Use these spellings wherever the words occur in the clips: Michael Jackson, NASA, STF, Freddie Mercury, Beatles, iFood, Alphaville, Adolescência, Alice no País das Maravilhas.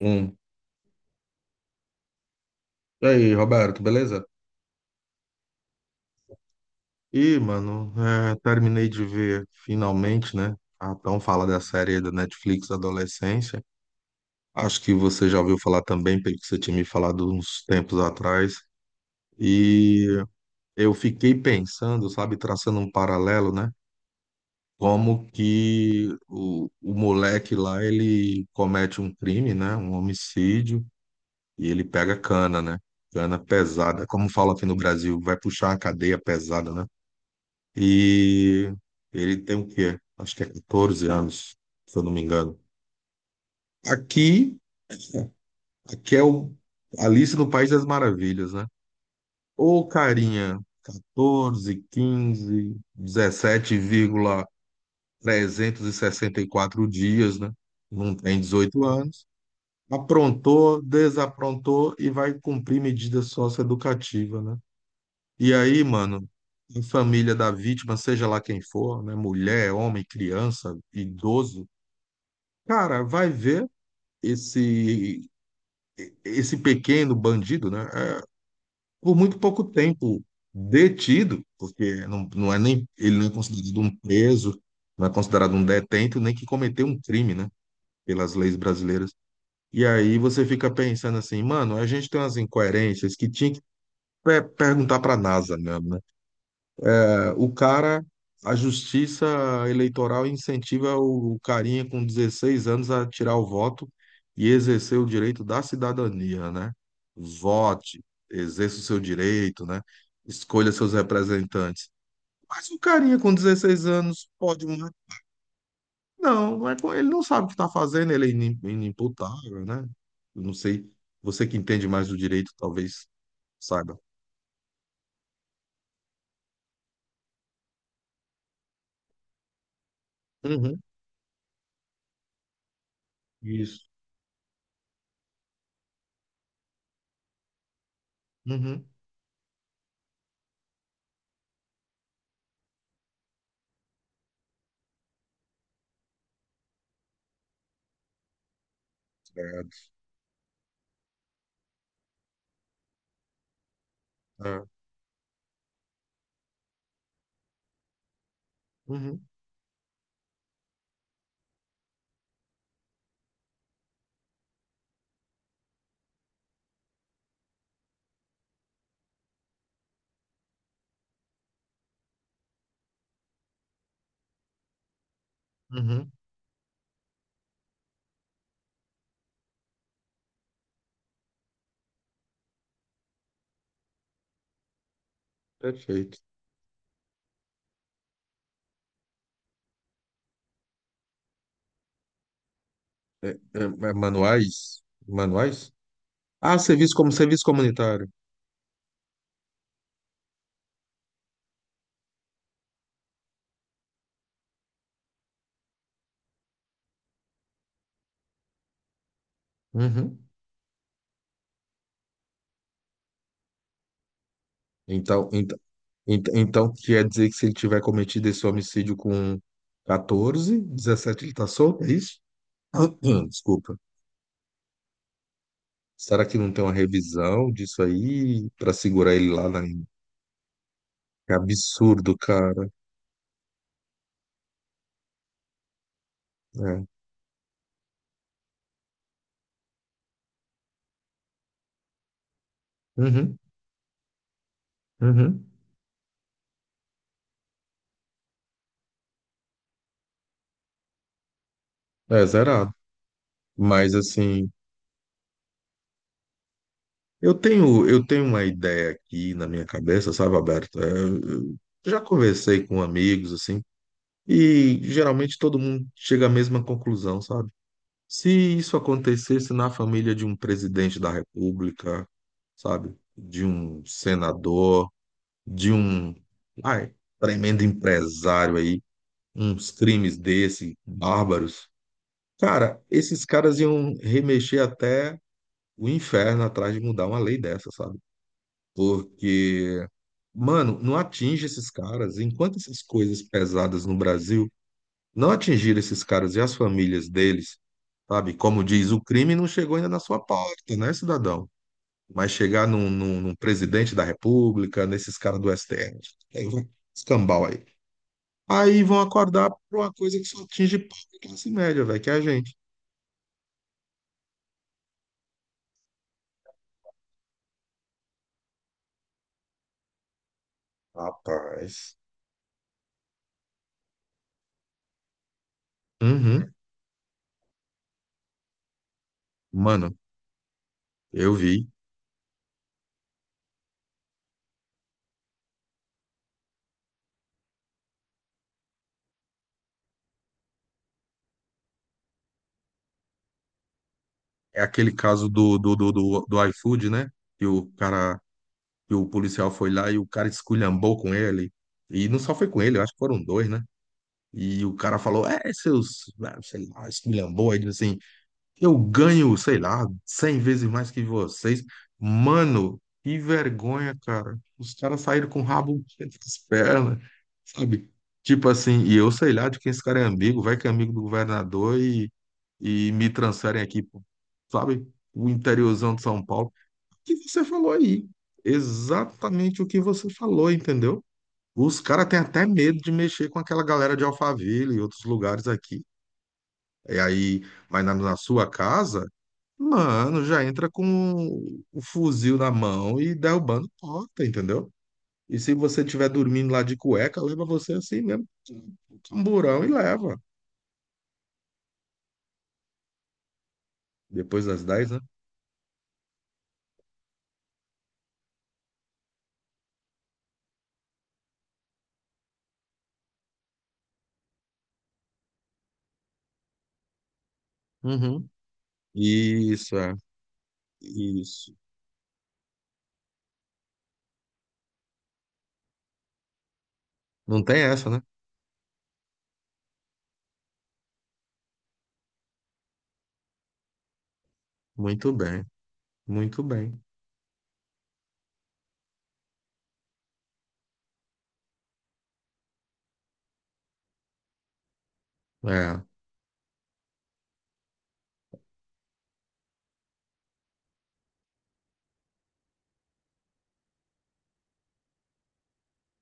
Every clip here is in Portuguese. Um. E aí, Roberto, beleza? Ih, mano, terminei de ver finalmente, né? A tão fala da série da Netflix Adolescência. Acho que você já ouviu falar também, pelo que você tinha me falado uns tempos atrás. E eu fiquei pensando, sabe, traçando um paralelo, né? Como que o moleque lá, ele comete um crime, né? Um homicídio, e ele pega cana, né? Cana pesada. Como fala aqui no Brasil, vai puxar a cadeia pesada, né? E ele tem o quê? Acho que é 14 anos, se eu não me engano. Aqui, aqui é o Alice no País das Maravilhas, né? Ô, carinha, 14, 15 17,364 dias, né? Não tem 18 anos. Aprontou, desaprontou e vai cumprir medida socioeducativa, né? E aí, mano, a família da vítima, seja lá quem for, né? Mulher, homem, criança, idoso, cara, vai ver esse esse pequeno bandido, né? Por muito pouco tempo detido, porque não, não é nem ele não é considerado um preso, não é considerado um detento, nem que cometeu um crime, né? Pelas leis brasileiras. E aí você fica pensando assim, mano, a gente tem umas incoerências que tinha que perguntar para a NASA, né? O cara, a justiça eleitoral incentiva o carinha com 16 anos a tirar o voto e exercer o direito da cidadania, né? Vote, exerça o seu direito, né? Escolha seus representantes. Mas o carinha com 16 anos pode, né? Não, não é ele não sabe o que está fazendo, ele é inimputável, né? Eu não sei, você que entende mais do direito, talvez saiba. Uhum, isso. Uhum. Certo. É. Uhum, uhum. Perfeito. É, é, manuais? Manuais? Ah, serviço como serviço comunitário. Uhum. Então, então, então quer dizer que se ele tiver cometido esse homicídio com 14, 17, ele tá solto, é isso? Desculpa. Será que não tem uma revisão disso aí pra segurar ele lá na... Que absurdo, cara. É. Uhum, uhum. É zerado. Mas assim, eu tenho uma ideia aqui na minha cabeça, sabe, Alberto? É, eu já conversei com amigos, assim, e geralmente todo mundo chega à mesma conclusão, sabe? Se isso acontecesse na família de um presidente da República, sabe? De um senador, de um, ai, tremendo empresário aí, uns crimes desse, bárbaros. Cara, esses caras iam remexer até o inferno atrás de mudar uma lei dessa, sabe? Porque, mano, não atinge esses caras. Enquanto essas coisas pesadas no Brasil não atingir esses caras e as famílias deles, sabe? Como diz, o crime não chegou ainda na sua porta, né, cidadão? Mas chegar num presidente da República, nesses caras do STF, aí vai escambau aí. Aí vão acordar pra uma coisa que só atinge pobre e classe média, velho, que é a gente. Rapaz. Uhum. Mano, eu vi. É aquele caso do iFood, né? Que o cara, que o policial foi lá e o cara esculhambou com ele. E não só foi com ele, eu acho que foram dois, né? E o cara falou, é, seus, ah, sei lá, esculhamboide, assim, eu ganho, sei lá, 100 vezes mais que vocês. Mano, que vergonha, cara. Os caras saíram com o rabo entre as pernas, sabe? Tipo assim, e eu sei lá de quem esse cara é amigo, vai que é amigo do governador e me transferem aqui, pô, sabe? O interiorzão de São Paulo. O que você falou aí? Exatamente o que você falou, entendeu? Os caras têm até medo de mexer com aquela galera de Alphaville e outros lugares aqui. E aí, mas na sua casa, mano, já entra com o fuzil na mão e derrubando porta, entendeu? E se você estiver dormindo lá de cueca, leva você assim mesmo, um camburão e leva. Depois das 10, né? Uhum. Isso, é. Isso. Não tem essa, né? Muito bem, muito bem. É.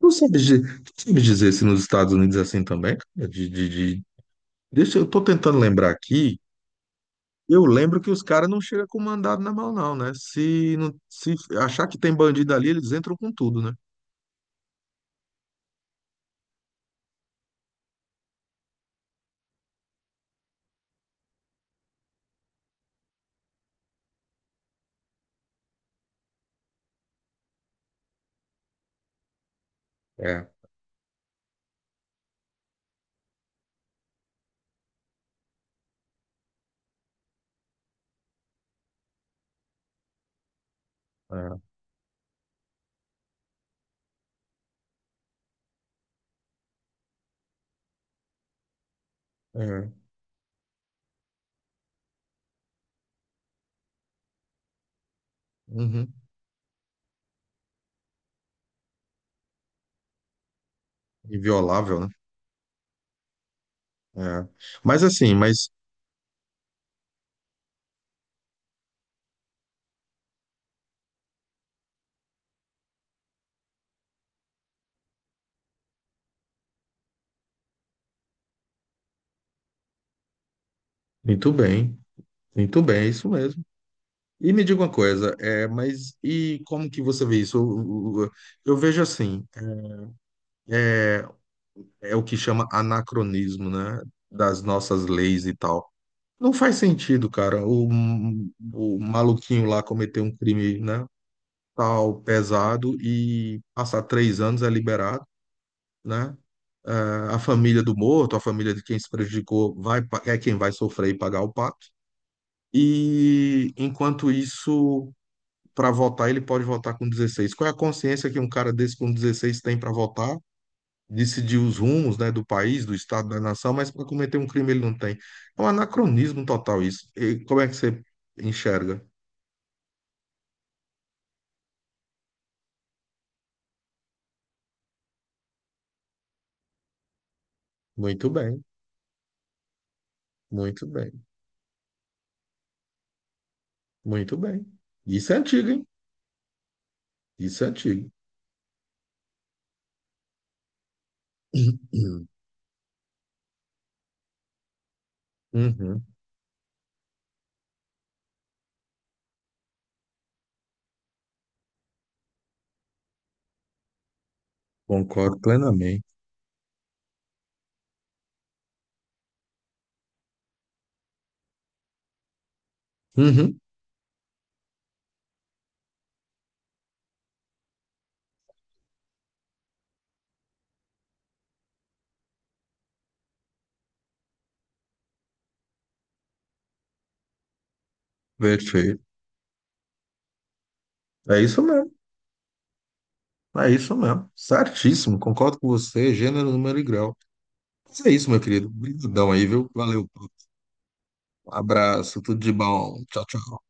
Tu sabe dizer se nos Estados Unidos é assim também, cara? Deixa, eu tô tentando lembrar aqui. Eu lembro que os caras não chegam com mandado na mão, não, né? Se, não, se achar que tem bandido ali, eles entram com tudo, né? É, é, é. Uhum. Inviolável, né? É. Mas assim, mas muito bem, muito bem, é isso mesmo. E me diga uma coisa, é, mas e como que você vê isso? Eu vejo assim, é, é o que chama anacronismo, né? Das nossas leis e tal. Não faz sentido, cara. O maluquinho lá cometer um crime, né, tal, pesado e passar 3 anos é liberado, né? Eh, a família do morto, a família de quem se prejudicou, é quem vai sofrer e pagar o pato. E enquanto isso, para votar, ele pode votar com 16. Qual é a consciência que um cara desse com 16 tem para votar? Decidir os rumos, né, do país, do estado, da nação, mas para cometer um crime ele não tem. É um anacronismo total isso. E como é que você enxerga? Muito bem, muito bem, muito bem. Isso é antigo, hein? Isso é antigo. Uhum, concordo plenamente. Uhum, perfeito. É isso mesmo. É isso mesmo. Certíssimo. Concordo com você. Gênero, número e grau. Mas é isso, meu querido. Obrigadão aí, viu? Valeu. Abraço. Tudo de bom. Tchau, tchau.